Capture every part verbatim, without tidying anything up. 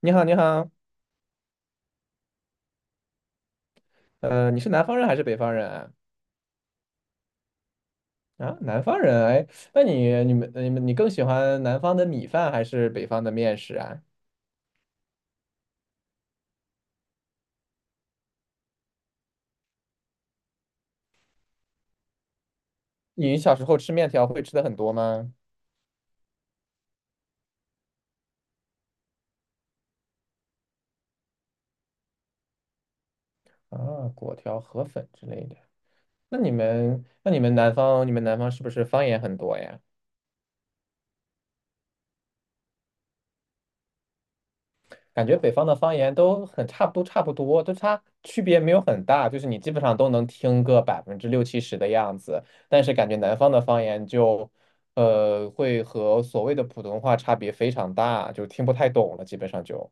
你好，你好，呃，你是南方人还是北方人啊？啊，南方人，哎，那你、你们、你们，你更喜欢南方的米饭还是北方的面食啊？你小时候吃面条会吃的很多吗？啊，果条、河粉之类的。那你们、那你们南方、你们南方是不是方言很多呀？感觉北方的方言都很差不多，差不多，就差区别没有很大，就是你基本上都能听个百分之六七十的样子。但是感觉南方的方言就，呃，会和所谓的普通话差别非常大，就听不太懂了，基本上就。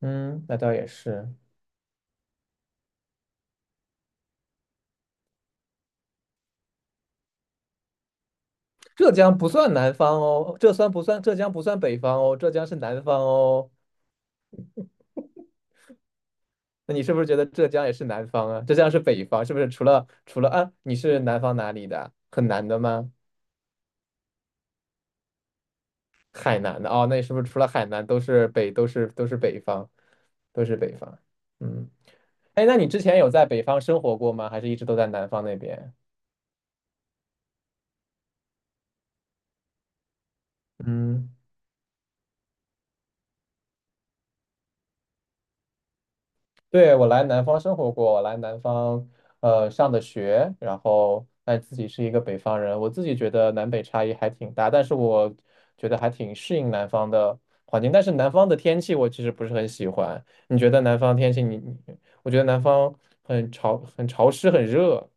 嗯，那倒也是。浙江不算南方哦，浙算不算？浙江不算北方哦，浙江是南方哦。那你是不是觉得浙江也是南方啊？浙江是北方，是不是？除了除了啊，你是南方哪里的？很南的吗？海南的哦，那是不是除了海南都是北都是都是北方，都是北方？嗯，哎，那你之前有在北方生活过吗？还是一直都在南方那边？嗯，对，我来南方生活过，我来南方呃上的学，然后但自己是一个北方人，我自己觉得南北差异还挺大，但是我觉得还挺适应南方的环境，但是南方的天气我其实不是很喜欢。你觉得南方天气你，你我觉得南方很潮、很潮湿、很热。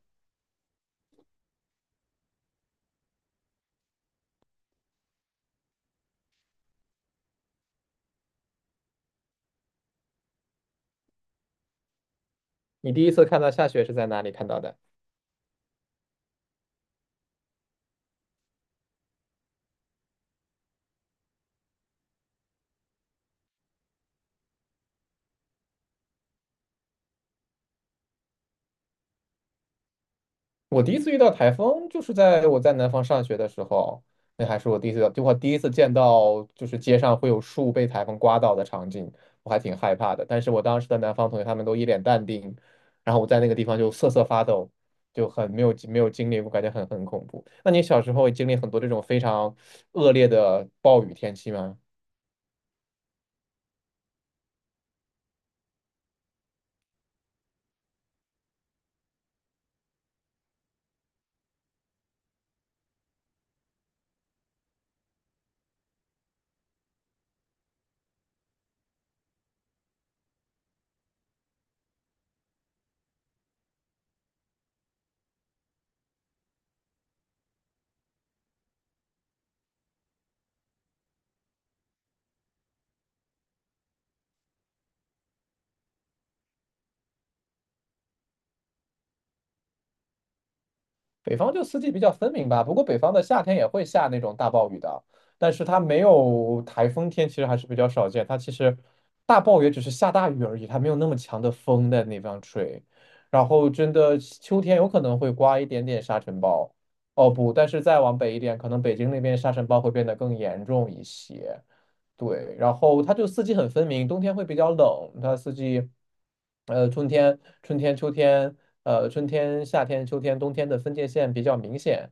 你第一次看到下雪是在哪里看到的？我第一次遇到台风就是在我在南方上学的时候，那还是我第一次，就我第一次见到就是街上会有树被台风刮倒的场景，我还挺害怕的。但是我当时的南方同学他们都一脸淡定，然后我在那个地方就瑟瑟发抖，就很没有没有经历我感觉很很恐怖。那你小时候也经历很多这种非常恶劣的暴雨天气吗？北方就四季比较分明吧，不过北方的夏天也会下那种大暴雨的，但是它没有台风天，其实还是比较少见。它其实大暴雨只是下大雨而已，它没有那么强的风在那方吹。然后真的秋天有可能会刮一点点沙尘暴，哦不，但是再往北一点，可能北京那边沙尘暴会变得更严重一些。对，然后它就四季很分明，冬天会比较冷，它四季，呃，春天、春天、秋天，呃，春天、夏天、秋天、冬天的分界线比较明显。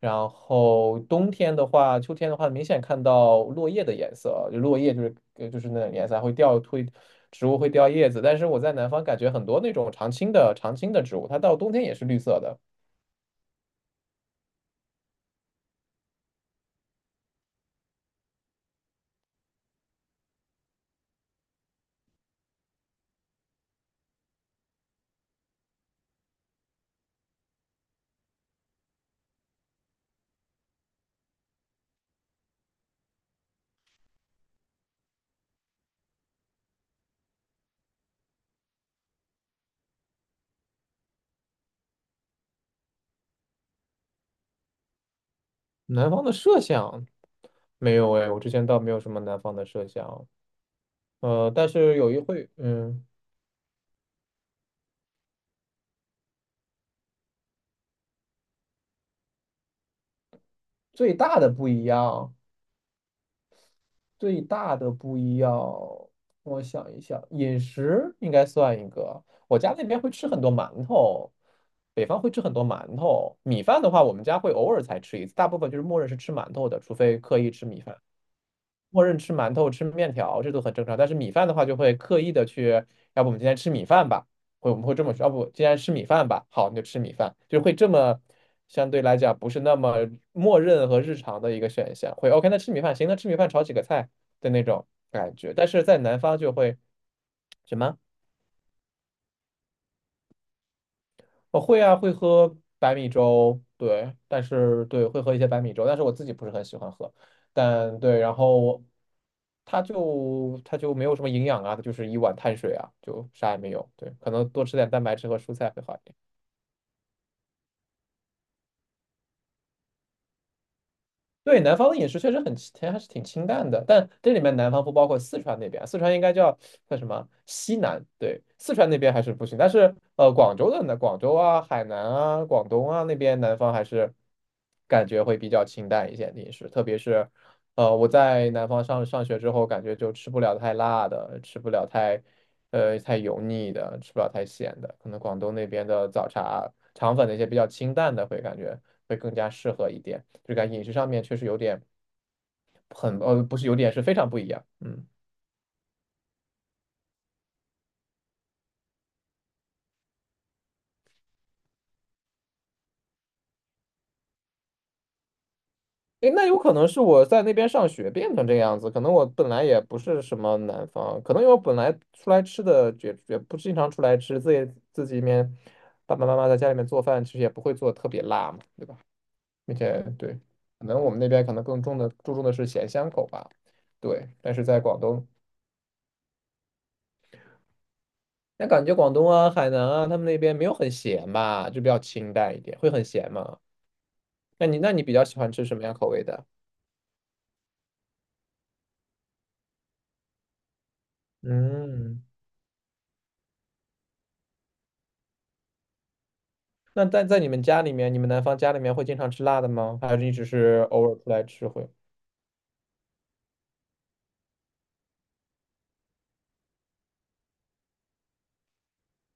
然后冬天的话，秋天的话，明显看到落叶的颜色，就落叶就是呃就是那种颜色，还会掉会植物会掉叶子。但是我在南方感觉很多那种常青的常青的植物，它到冬天也是绿色的。南方的设想没有哎，我之前倒没有什么南方的设想，呃，但是有一会，嗯。最大的不一样，最大的不一样，我想一想，饮食应该算一个。我家那边会吃很多馒头，北方会吃很多馒头。米饭的话，我们家会偶尔才吃一次，大部分就是默认是吃馒头的，除非刻意吃米饭。默认吃馒头、吃面条，这都很正常。但是米饭的话，就会刻意的去，要不我们今天吃米饭吧，会我们会这么说，要不今天吃米饭吧，好，那就吃米饭，就会这么相对来讲不是那么默认和日常的一个选项，会 OK，那吃米饭行，那吃米饭炒几个菜的那种感觉。但是在南方就会什么？我会啊，会喝白米粥，对，但是对，会喝一些白米粥，但是我自己不是很喜欢喝，但对，然后它就它就没有什么营养啊，它就是一碗碳水啊，就啥也没有，对，可能多吃点蛋白质和蔬菜会好一点。对，南方的饮食确实很清，还是挺清淡的，但这里面南方不包括四川那边，四川应该叫叫什么西南？对，四川那边还是不行，但是呃，广州的呢，广州啊、海南啊、广东啊那边南方还是感觉会比较清淡一些的饮食，特别是呃我在南方上上学之后，感觉就吃不了太辣的，吃不了太呃太油腻的，吃不了太咸的。可能广东那边的早茶、肠粉那些比较清淡的，会感觉会更加适合一点。就感觉饮食上面确实有点很呃，不是有点是非常不一样。嗯，诶，那有可能是我在那边上学变成这个样子，可能我本来也不是什么南方，可能因为我本来出来吃的也也不经常出来吃，自己自己面爸爸妈妈在家里面做饭，其实也不会做得特别辣嘛，对吧？并且对，可能我们那边可能更重的注重的是咸香口吧，对。但是在广东，那感觉广东啊、海南啊，他们那边没有很咸吧，就比较清淡一点，会很咸吗？那你那你比较喜欢吃什么样口味的？嗯，那在在你们家里面，你们南方家里面会经常吃辣的吗？还是一直是偶尔出来吃会？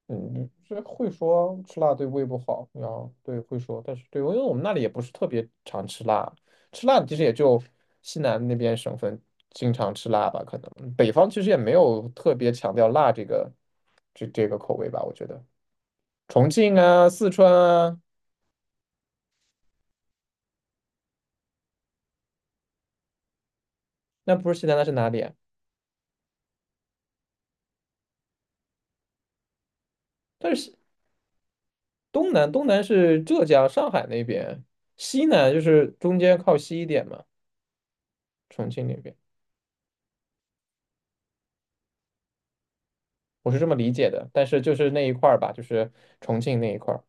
嗯，这会说吃辣对胃不好，然后对会说，但是对，因为我们那里也不是特别常吃辣，吃辣其实也就西南那边省份经常吃辣吧，可能北方其实也没有特别强调辣这个这这个口味吧，我觉得重庆啊、四川啊，那不是西南那是哪里啊？但是西东南东南是浙江、上海那边，西南就是中间靠西一点嘛，重庆那边我是这么理解的，但是就是那一块儿吧，就是重庆那一块儿。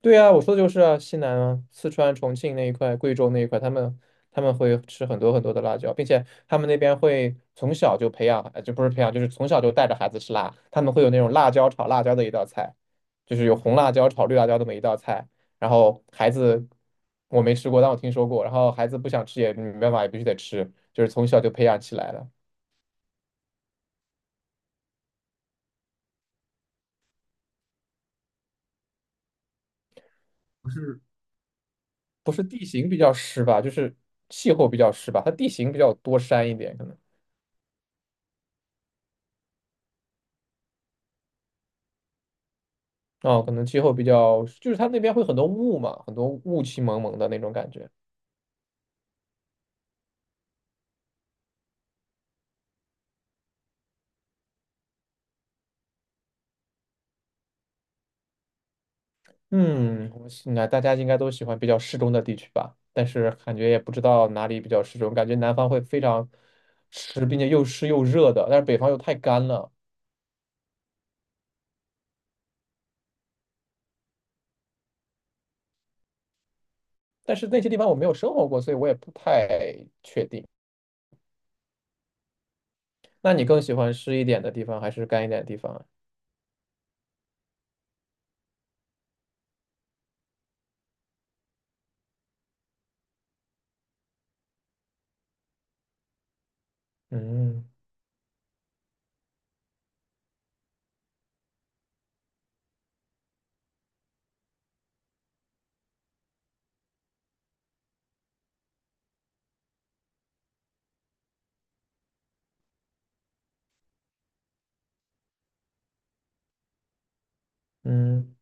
对啊，我说的就是啊，西南啊，四川、重庆那一块、贵州那一块，他们他们会吃很多很多的辣椒，并且他们那边会从小就培养，呃就不是培养，就是从小就带着孩子吃辣。他们会有那种辣椒炒辣椒的一道菜，就是有红辣椒炒绿辣椒这么一道菜。然后孩子我没吃过，但我听说过。然后孩子不想吃也没办法，也必须得吃，就是从小就培养起来了。不是不是地形比较湿吧，就是气候比较湿吧，它地形比较多山一点，可能。哦，可能气候比较，就是它那边会很多雾嘛，很多雾气蒙蒙的那种感觉。嗯，我应该大家应该都喜欢比较适中的地区吧，但是感觉也不知道哪里比较适中，感觉南方会非常湿，并且又湿又热的，但是北方又太干了。但是那些地方我没有生活过，所以我也不太确定。那你更喜欢湿一点的地方还是干一点的地方啊？嗯嗯。